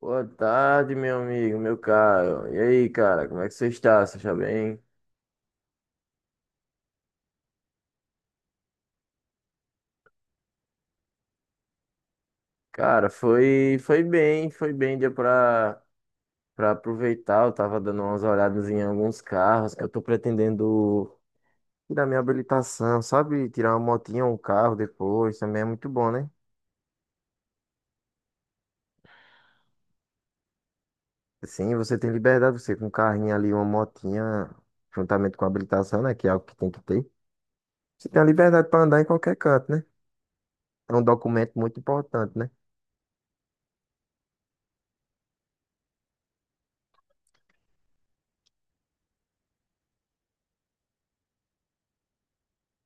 Boa tarde, meu amigo, meu caro. E aí, cara, como é que você está? Você está bem? Cara, foi bem, foi bem, dia pra aproveitar. Eu tava dando umas olhadas em alguns carros. Eu tô pretendendo tirar minha habilitação, sabe? Tirar uma motinha ou um carro depois, também é muito bom, né? Sim, você tem liberdade, você com um carrinho ali, uma motinha, juntamente com a habilitação, né? Que é algo que tem que ter. Você tem a liberdade pra andar em qualquer canto, né? É um documento muito importante, né?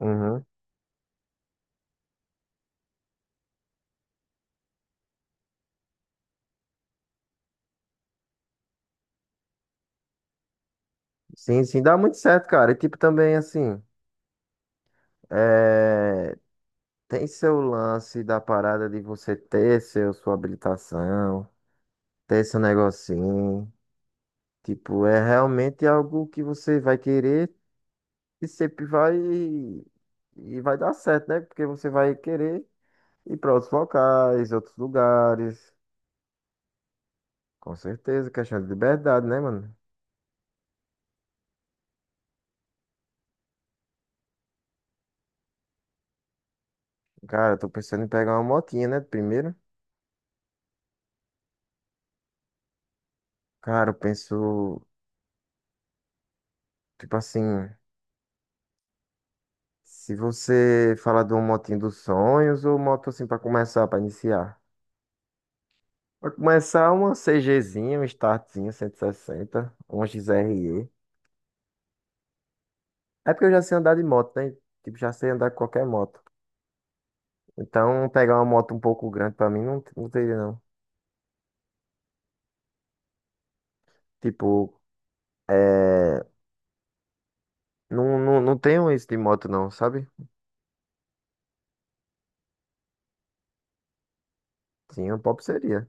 Uhum. Sim, sim, dá muito certo, cara. E tipo, também assim, é, tem seu lance da parada de você ter sua habilitação, ter seu negocinho. Tipo, é realmente algo que você vai querer e sempre vai dar certo, né? Porque você vai querer ir para outros locais, outros lugares. Com certeza, questão de liberdade, né, mano? Cara, eu tô pensando em pegar uma motinha, né? Primeiro. Cara, eu penso, tipo assim. Se você falar de um motinho dos sonhos ou moto assim pra começar, pra iniciar? Pra começar, uma CGzinha, um startzinho 160, uma XRE. É porque eu já sei andar de moto, né? Tipo, já sei andar com qualquer moto. Então, pegar uma moto um pouco grande pra mim não teria, não. Tipo, é, não, não, não tenho isso de moto, não, sabe? Sim, um pop seria.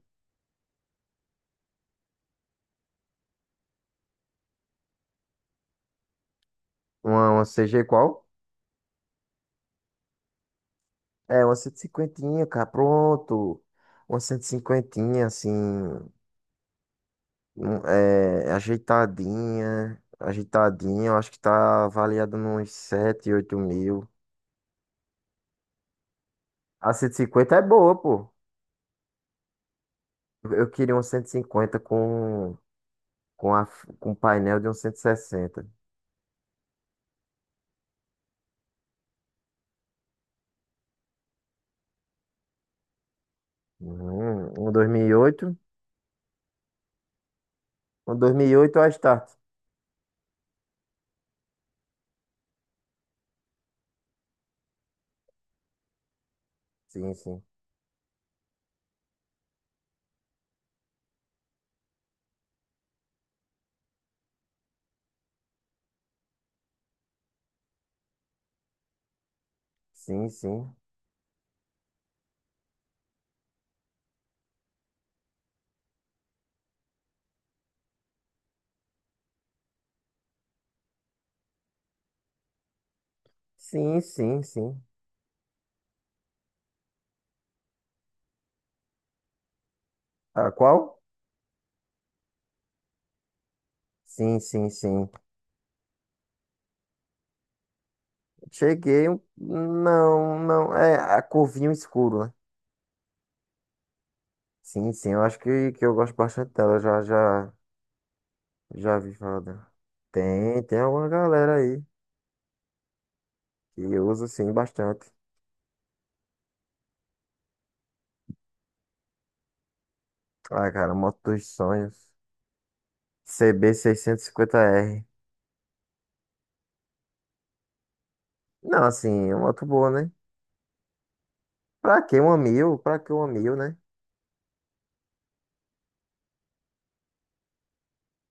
Uma CG qual? É, uma 150, cara, pronto. Uma 150, assim. É ajeitadinha, ajeitadinha, eu acho que tá avaliada nos 7, 8 mil. A cento e cinquenta é boa, pô. Eu queria um 150 com, a, com painel de um 160. Uhum, um dois mil e oito, um 2008 é a Start. Sim, sim, sim, sim, sim, sim, sim. Ah, qual? Sim, sim, sim. Cheguei, não, é a corvinho escuro, né? Sim, sim, eu acho que eu gosto bastante dela. Já vi falar dela. Tem alguma galera aí que usa sim bastante. Ah, cara, moto dos sonhos. CB650R. Não, assim, é uma moto boa, né? Pra que uma mil? Pra que uma mil, né?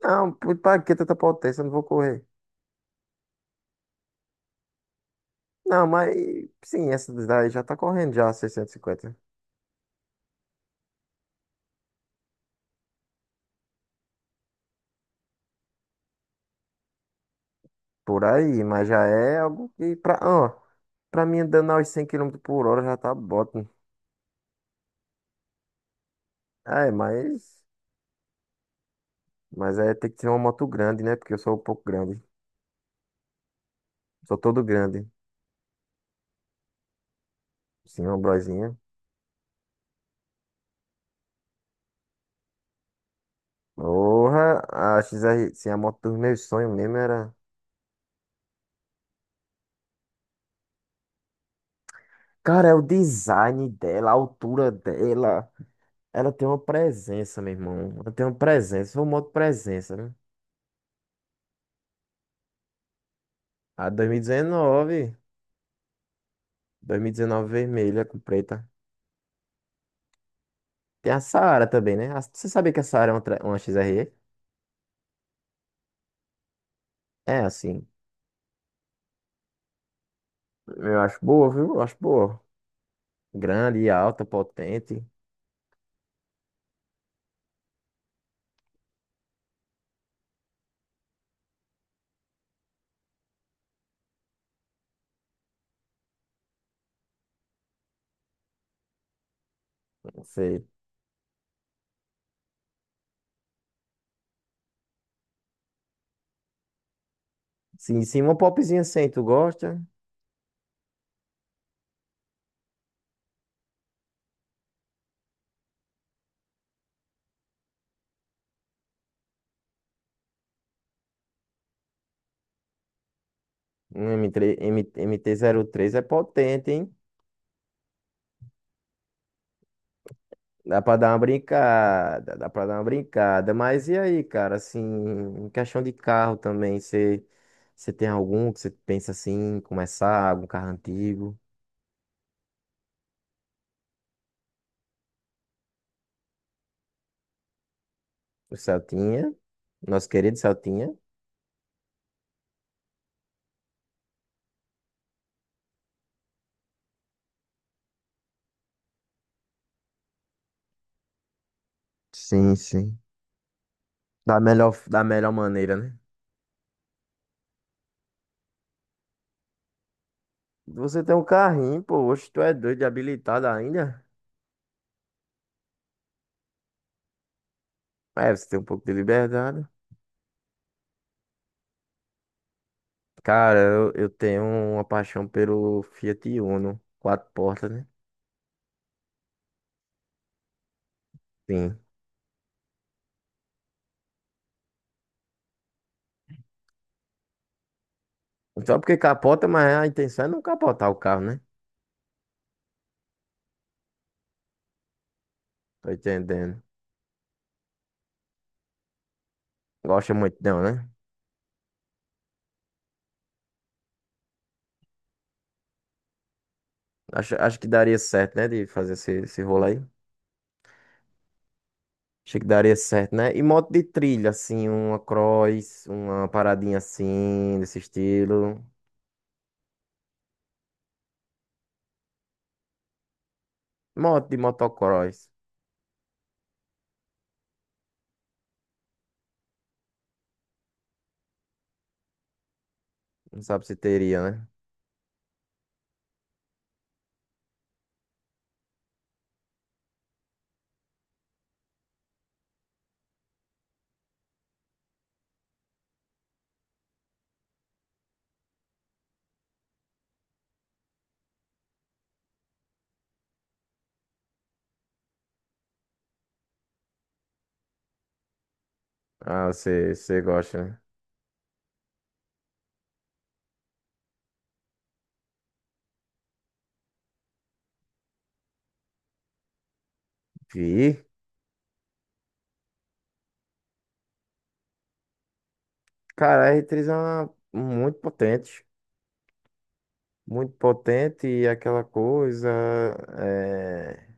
Não, pra que tanta potência? Eu não vou correr. Não, mas sim, essa daí já tá correndo já, 650. Por aí, mas já é algo que pra mim andando aos 100 km por hora já tá bom. É, mas tem que ser uma moto grande, né? Porque eu sou um pouco grande. Sou todo grande. Sim, uma brosinha. Porra, a XR, sim, a moto dos meus sonhos mesmo era. Cara, é o design dela, a altura dela. Ela tem uma presença, meu irmão. Ela tem uma presença. Foi uma moto presença, né? A 2019. 2019 vermelha com preta. Tem a Saara também, né? Você sabia que a Saara é uma XRE? É, assim. Eu acho boa, viu? Eu acho boa. Grande, alta, potente. Não sei. Sim, sim, uma popzinha assim, tu gosta? Um M3, M, 3 m mt três é potente, hein? Dá pra dar uma brincada, dá pra dar uma brincada. Mas e aí, cara, assim, em questão de carro também, você tem algum que você pensa assim, em começar, algum carro antigo? O Celtinha, nosso querido Celtinha. Sim, sim. Da melhor maneira, né? Você tem um carrinho, pô, hoje tu é doido de habilitado ainda? É, você tem um pouco de liberdade. Cara, eu tenho uma paixão pelo Fiat Uno, quatro portas, né? Sim. Só porque capota, mas a intenção é não capotar o carro, né? Tô entendendo. Gosta muito, não, né? Acho que daria certo, né? De fazer esse rolo aí. Achei que daria certo, né? E moto de trilha, assim, uma cross, uma paradinha assim, desse estilo. Moto de motocross. Não sabe se teria, né? Ah, você gosta, né? Vi. Cara, a R3 é muito potente. Muito potente e aquela coisa é,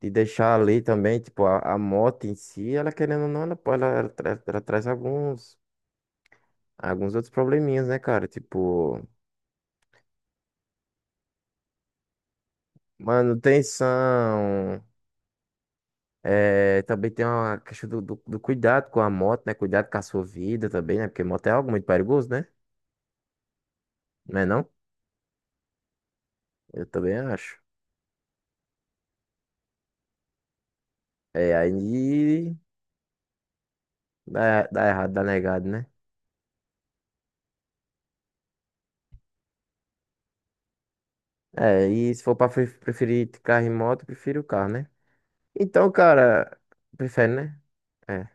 de deixar ali também, tipo, a moto em si, ela querendo ou não, ela, ela traz alguns outros probleminhas, né, cara? Tipo, manutenção, também tem uma questão do cuidado com a moto, né? Cuidado com a sua vida também, né? Porque moto é algo muito perigoso, né? Não é não? Eu também acho. É, aí dá errado, dá negado, né? É, e se for pra preferir carro e moto, eu prefiro o carro, né? Então, cara, prefere, né? É.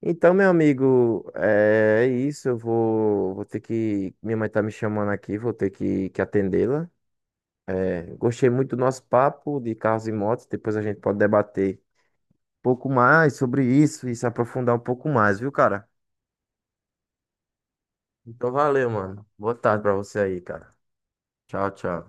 Então, meu amigo, é isso. Eu vou ter que. Minha mãe tá me chamando aqui, vou ter que atendê-la. É, gostei muito do nosso papo de carros e motos. Depois a gente pode debater um pouco mais sobre isso e se aprofundar um pouco mais, viu, cara? Então, valeu, mano. Boa tarde pra você aí, cara. Tchau, tchau.